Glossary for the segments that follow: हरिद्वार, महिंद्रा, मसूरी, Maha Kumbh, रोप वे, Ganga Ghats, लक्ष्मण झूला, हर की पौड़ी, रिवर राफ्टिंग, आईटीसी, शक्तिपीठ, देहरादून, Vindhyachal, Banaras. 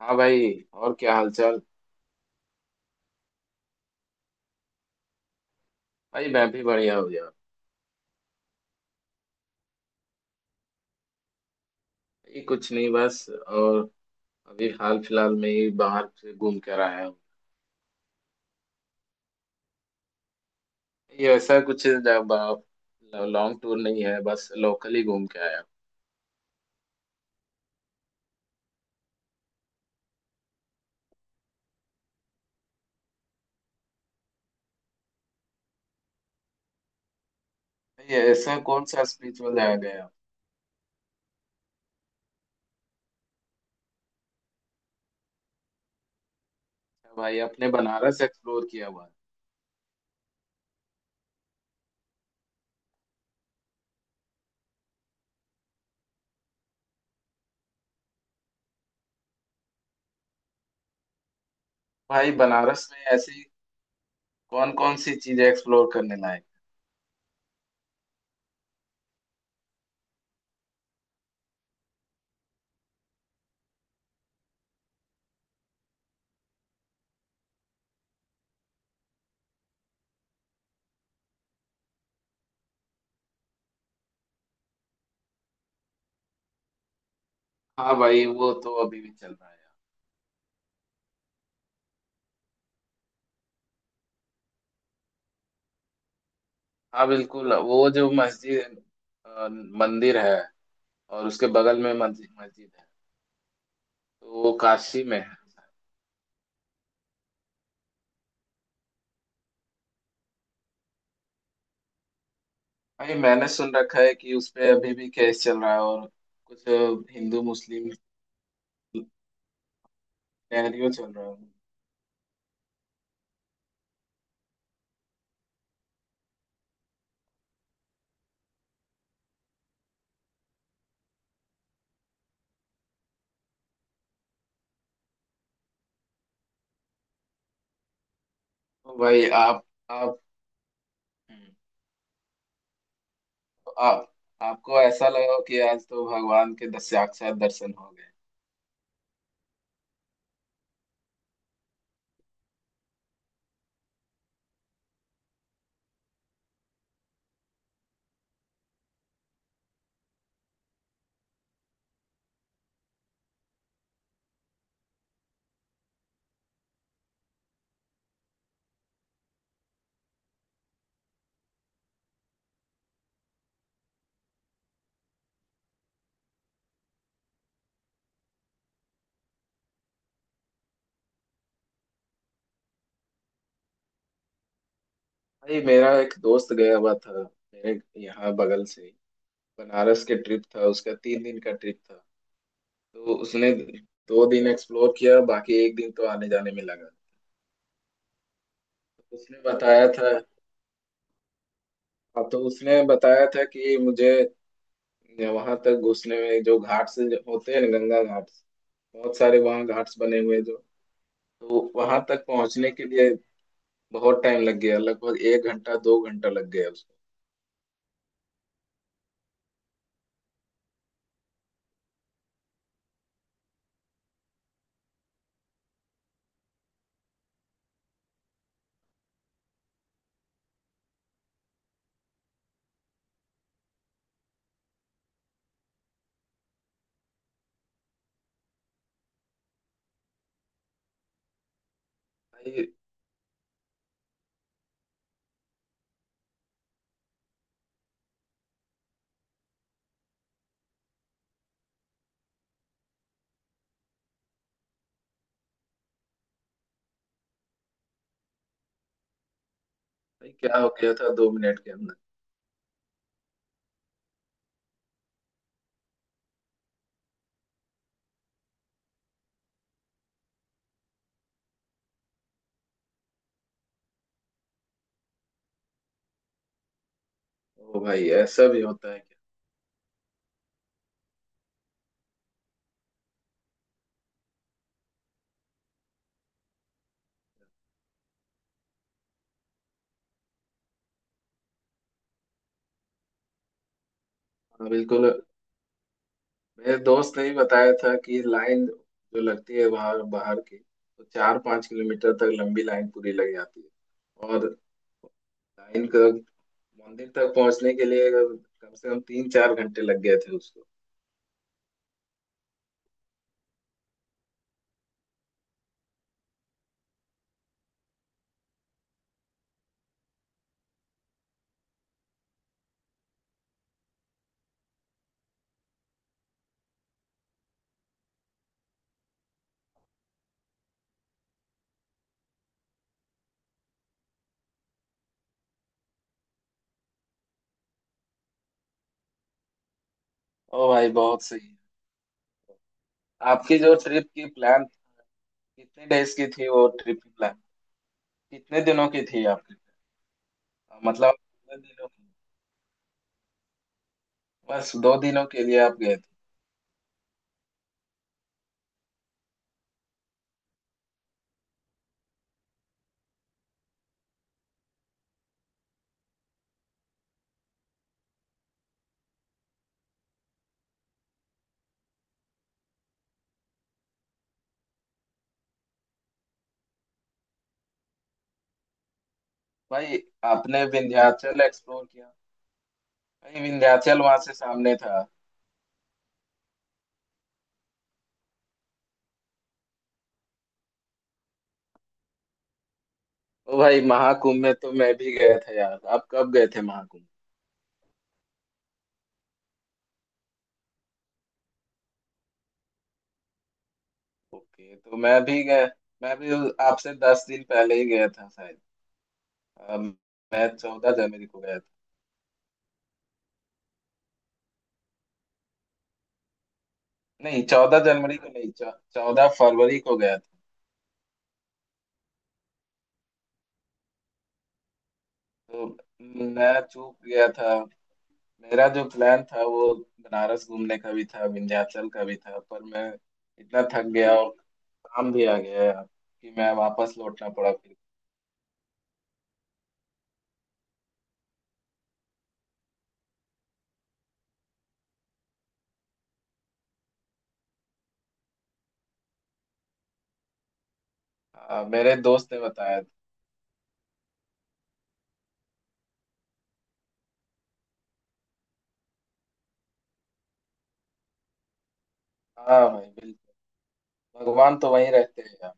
हाँ भाई, और क्या हालचाल। भाई मैं भी बढ़िया हो गया। ये कुछ नहीं, बस और अभी हाल फिलहाल में ही बाहर से घूम कर आया हूँ। ये ऐसा कुछ लॉन्ग टूर नहीं है, बस लोकल ही घूम के आया हूँ। ये ऐसा कौन सा स्पिरिचुअल जगह गया? अच्छा, भाई आपने बनारस एक्सप्लोर किया हुआ है? भाई बनारस में ऐसी कौन कौन सी चीजें एक्सप्लोर करने लायक? हाँ भाई, वो तो अभी भी चल रहा है। हाँ बिल्कुल, वो जो मस्जिद मंदिर है, और उसके बगल में मस्जिद मस्जिद है, तो वो काशी में है। भाई मैंने सुन रखा है कि उस पे अभी भी केस चल रहा है, और कुछ हिंदू मुस्लिम सिनेरियो चल रहा है। तो भाई आप, हम्म। तो आप, आपको ऐसा लगा कि आज तो भगवान के 10 साक्षात दर्शन हो गए? भाई, मेरा एक दोस्त गया हुआ था मेरे यहाँ बगल से ही। बनारस के ट्रिप था, उसका 3 दिन का ट्रिप था। तो उसने 2 दिन एक्सप्लोर किया, बाकी एक दिन तो आने जाने में लगा। तो उसने बताया था। हाँ, तो उसने बताया था कि मुझे या वहां तक घुसने में जो घाट्स होते हैं ना, गंगा घाट्स, बहुत सारे वहां घाट्स बने हुए हैं जो। तो वहां तक पहुंचने के लिए बहुत टाइम लग गया, लगभग एक घंटा दो घंटा लग गया उसको। भाई भाई, क्या हो गया था 2 मिनट के अंदर? ओ भाई, ऐसा भी होता है क्या? हाँ बिल्कुल, मेरे दोस्त ने ही बताया था कि लाइन जो लगती है बाहर बाहर की, तो 4-5 किलोमीटर तक लंबी लाइन पूरी लग जाती है। और लाइन का मंदिर तक पहुंचने के लिए कम से कम 3-4 घंटे लग गए थे उसको। ओ भाई बहुत सही। आपकी जो ट्रिप की प्लान, कितने डेज की थी वो ट्रिप की प्लान? कितने दिनों की थी आपकी? मतलब कितने दिनों की, बस 2 दिनों के लिए आप गए थे? भाई आपने विंध्याचल एक्सप्लोर किया? भाई विंध्याचल वहां से सामने था। ओ भाई, महाकुंभ में तो मैं भी गया था यार, आप कब गए थे महाकुंभ? ओके, तो मैं भी गया। मैं भी आपसे 10 दिन पहले ही गया था शायद। अम, मैं 14 जनवरी को गया था। नहीं, 14 जनवरी को नहीं, 14 फरवरी को गया था। तो मैं चूक गया था। मेरा जो प्लान था, वो बनारस घूमने का भी था, विंध्याचल का भी था, पर मैं इतना थक गया और काम भी आ गया यार, कि मैं वापस लौटना पड़ा फिर। हाँ, मेरे दोस्त ने बताया था। हाँ भाई बिल्कुल। भगवान तो वहीं रहते हैं यार।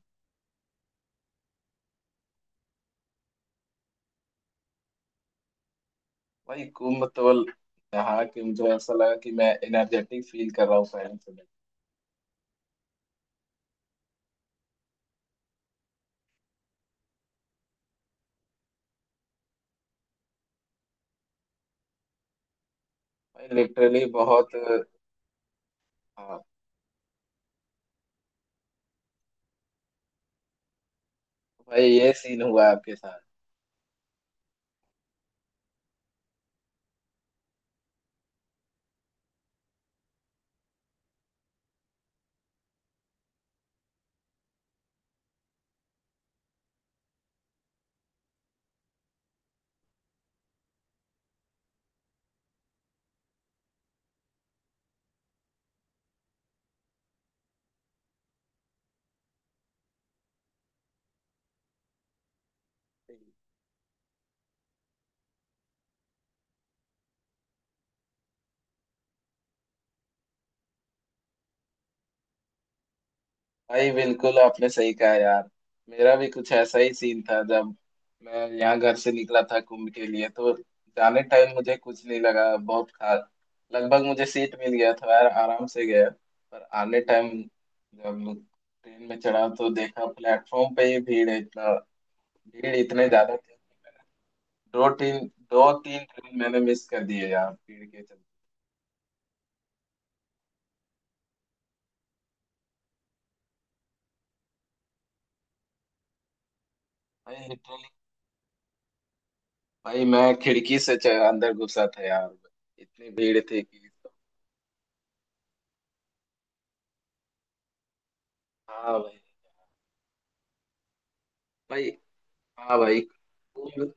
वही कुंभ तो नहा के मुझे ऐसा लगा कि मैं एनर्जेटिक फील कर रहा हूँ पहले से। भाई लिटरली बहुत। हाँ भाई, ये सीन हुआ आपके साथ? भाई बिल्कुल, आपने सही कहा यार। मेरा भी कुछ ऐसा ही सीन था, जब मैं यहाँ घर से निकला था कुंभ के लिए, तो जाने टाइम मुझे कुछ नहीं लगा बहुत खास। लगभग मुझे सीट मिल गया था यार, आराम से गया। पर आने टाइम जब ट्रेन में चढ़ा, तो देखा प्लेटफॉर्म पे ही भीड़ है इतना। भीड़ इतने ज्यादा थे, दो तीन दो तीन ट्रेन मैंने मिस कर दिए यार भीड़ के चलते। भाई लिटरली, भाई मैं खिड़की से अंदर घुसा था यार। इतनी भीड़ थी कि। हाँ भाई, हाँ भाई, कुंभ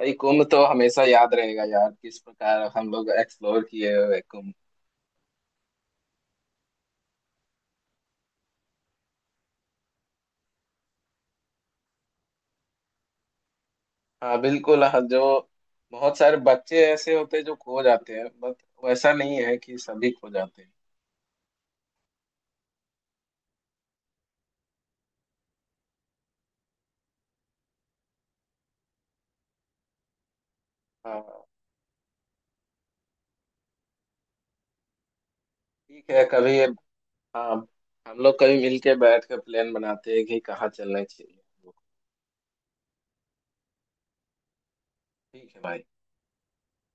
भाई, कुंभ तो हमेशा याद रहेगा यार किस प्रकार हम लोग एक्सप्लोर किए हुए कुंभ। हाँ बिल्कुल, हाँ, जो बहुत सारे बच्चे ऐसे होते हैं जो खो जाते हैं, बट वैसा नहीं है कि सभी खो जाते हैं। हाँ, ठीक है कभी। हाँ, हम लोग कभी मिलके बैठ कर प्लान बनाते हैं कि कहाँ चलना चाहिए। ठीक है भाई।